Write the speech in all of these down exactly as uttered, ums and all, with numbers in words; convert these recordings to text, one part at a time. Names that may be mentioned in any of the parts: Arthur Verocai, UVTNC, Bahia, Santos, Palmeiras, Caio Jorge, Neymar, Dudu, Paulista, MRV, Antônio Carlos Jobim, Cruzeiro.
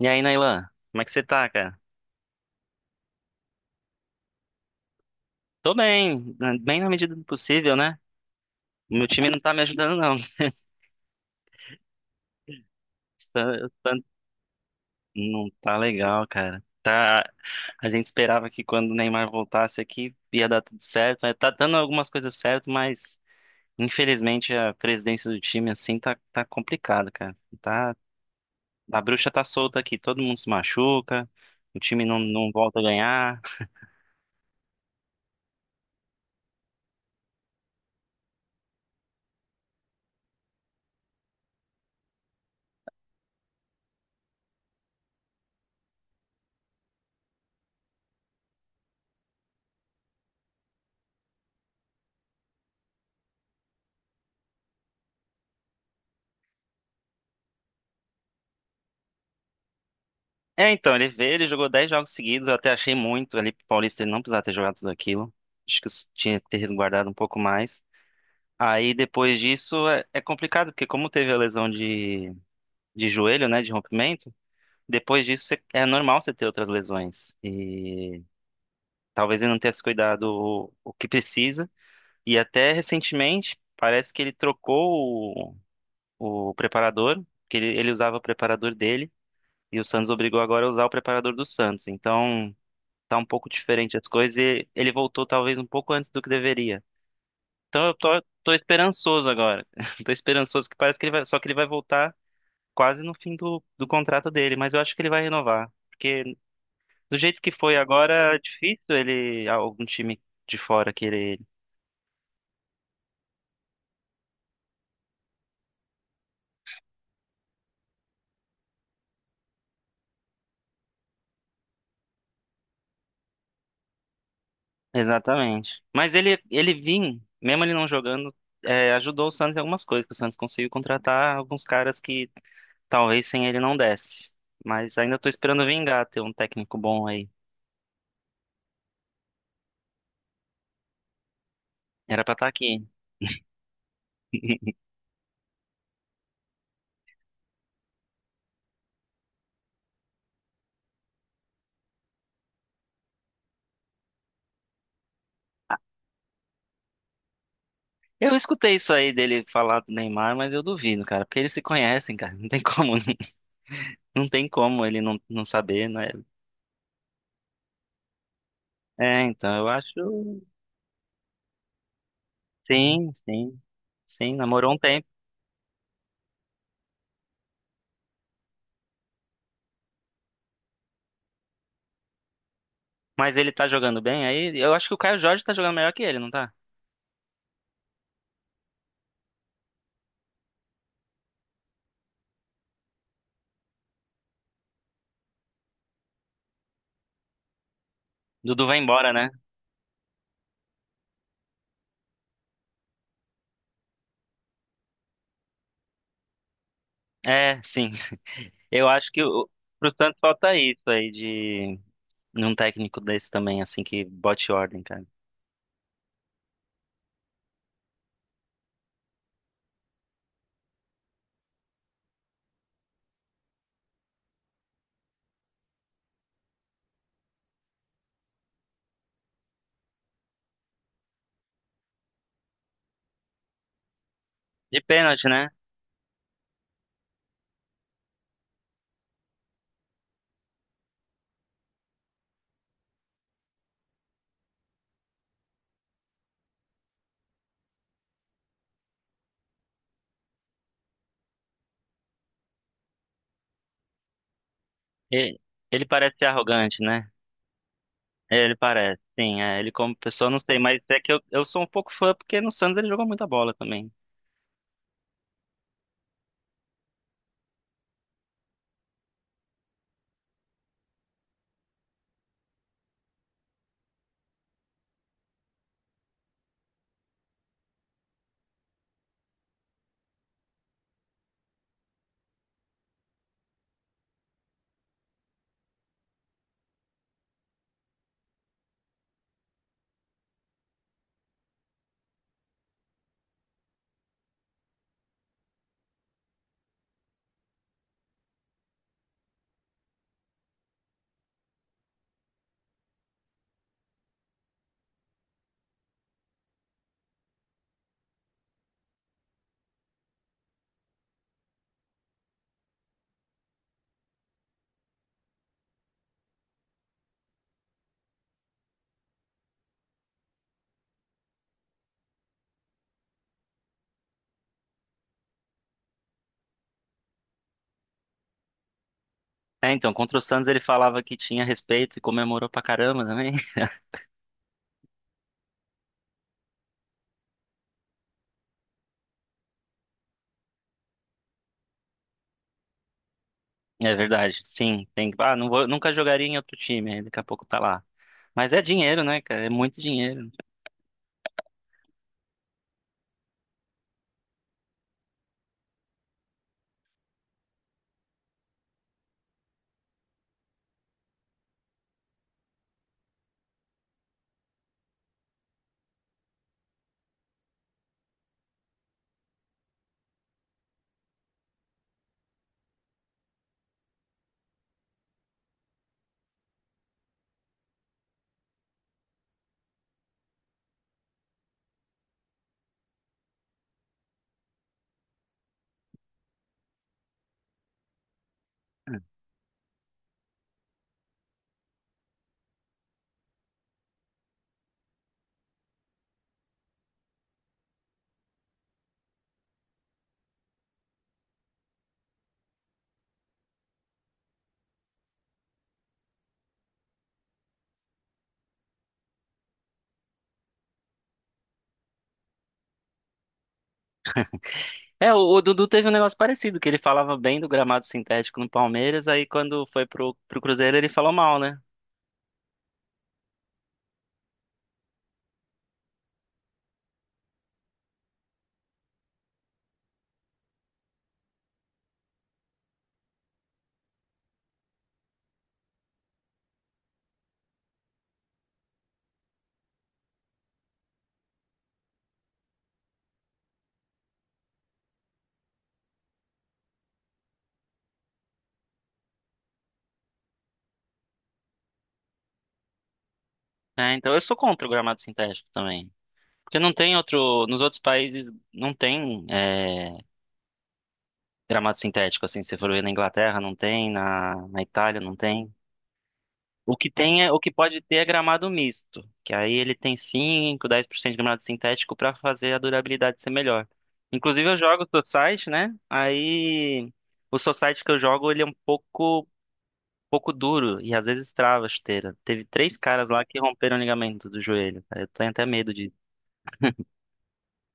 E aí, Nailan, como é que você tá, cara? Tô bem, na- bem na medida do possível, né? O meu time não tá me ajudando, não. Tá- tá- Não tá legal, cara. Tá... A gente esperava que quando o Neymar voltasse aqui ia dar tudo certo, né? Tá dando algumas coisas certo, mas infelizmente a presidência do time, assim, tá, tá complicado, cara. Tá... A bruxa tá solta aqui, todo mundo se machuca, o time não, não volta a ganhar. É, então, ele veio, ele jogou dez jogos seguidos, eu até achei muito ali pro Paulista ele não precisava ter jogado tudo aquilo. Acho que s- tinha que ter resguardado um pouco mais. Aí depois disso é, é complicado, porque como teve a lesão de, de joelho, né, de rompimento, depois disso você- é normal você ter outras lesões. E talvez ele não tenha se cuidado o, o que precisa. E até recentemente, parece que ele trocou o, o preparador, que ele, ele usava o preparador dele, e o Santos obrigou agora a usar o preparador do Santos. Então, tá um pouco diferente as coisas e ele voltou talvez um pouco antes do que deveria. Então eu tô, tô esperançoso agora. Tô esperançoso que parece que ele vai, só que ele vai voltar quase no fim do, do contrato dele, mas eu acho que ele vai renovar, porque do jeito que foi agora, é difícil ele algum time de fora querer ele. Exatamente. Mas ele ele vim, mesmo ele não jogando, é, ajudou o Santos em algumas coisas, que o Santos conseguiu contratar alguns caras que talvez sem ele não desse. Mas ainda tô esperando vingar ter um técnico bom aí. Era pra estar aqui. Eu escutei isso aí dele falar do Neymar, mas eu duvido, cara, porque eles se conhecem, cara. Não tem como, não tem como ele não, não saber, né? É, então eu acho. Sim, sim. Sim, namorou um tempo. Mas ele tá jogando bem aí? Eu acho que o Caio Jorge tá jogando melhor que ele, não tá? Dudu vai embora, né? É, sim. Eu acho que o, pro Santos falta isso aí de um técnico desse também, assim, que bote ordem, cara. De pênalti, né? E- Ele parece ser arrogante, né? Ele parece, sim. É, ele como pessoa, não sei, mas é que eu, eu sou um pouco fã porque no Santos ele jogou muita bola também. É, então, contra o Santos ele falava que tinha respeito e comemorou pra caramba também. É verdade, sim. Tem, que- ah, não vou, nunca jogaria em outro time, aí daqui a pouco tá lá. Mas é dinheiro, né, cara? É muito dinheiro. É, o, o Dudu teve um negócio parecido, que ele falava bem do gramado sintético no Palmeiras, aí quando foi pro, pro Cruzeiro ele falou mal, né? É, então eu sou contra o gramado sintético também. Porque não tem outro. Nos outros países não tem. é, Gramado sintético, assim, se você for ver na Inglaterra, não tem, na, na Itália não tem. O que tem é, o que pode ter é gramado misto, que aí ele tem cinco, dez por cento de gramado sintético para fazer a durabilidade ser melhor. Inclusive eu jogo society, né? Aí o society que eu jogo, ele é um pouco pouco duro e às vezes trava a chuteira. Teve três caras lá que romperam o ligamento do joelho, cara. Eu tenho até medo de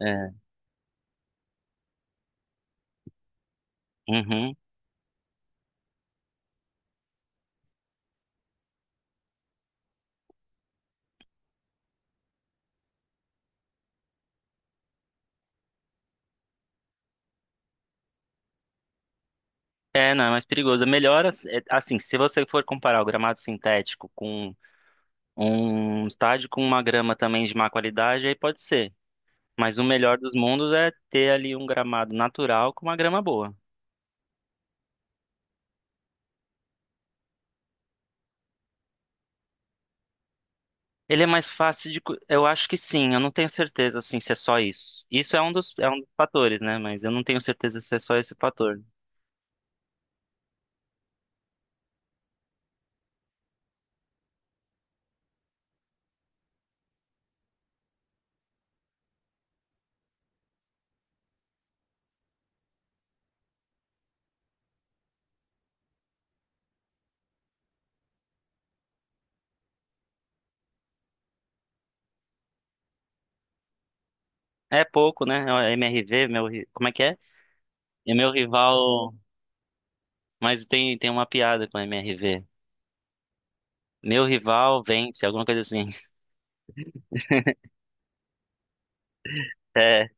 é. Uhum. É, não, é mais perigoso. É melhor, ass- é, assim, se você for comparar o gramado sintético com um estádio com uma grama também de má qualidade, aí pode ser. Mas o melhor dos mundos é ter ali um gramado natural com uma grama boa. Ele é mais fácil de. cu- Eu acho que sim, eu não tenho certeza assim, se é só isso. Isso é um dos, é um dos fatores, né? Mas eu não tenho certeza se é só esse fator. É pouco, né? É o M R V, meu. ri- Como é que é? É meu rival. Mas tem, tem uma piada com o M R V. Meu rival vence, alguma coisa assim. É.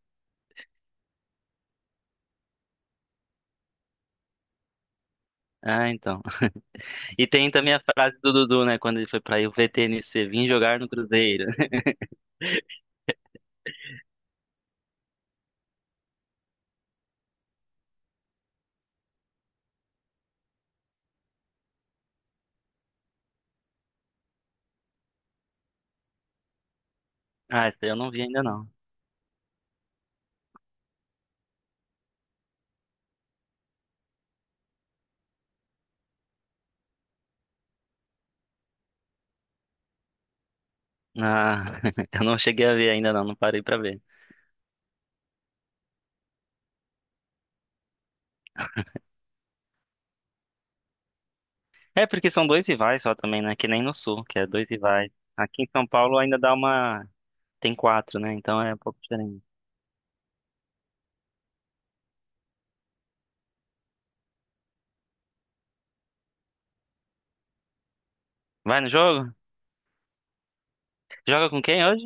Ah, então. E tem também a frase do Dudu, né? Quando ele foi pra U V T N C, vim jogar no Cruzeiro. Ah, essa eu não vi ainda não. Ah, eu não cheguei a ver ainda não, não parei pra ver. É, porque são dois rivais só também, né? Que nem no Sul, que é dois rivais. Aqui em São Paulo ainda dá uma. Tem quatro, né? Então é um pouco diferente. Vai no jogo? Joga com quem hoje?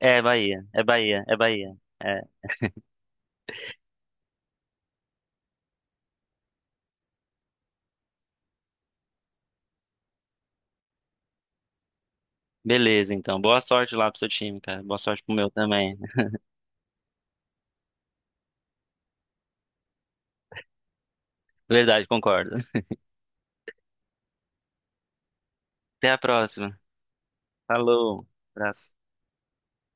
É é Bahia, é Bahia, é Bahia. É. Beleza, então. Boa sorte lá pro seu time, cara. Boa sorte pro meu também. Verdade, concordo. Até a próxima. Falou. Abraço.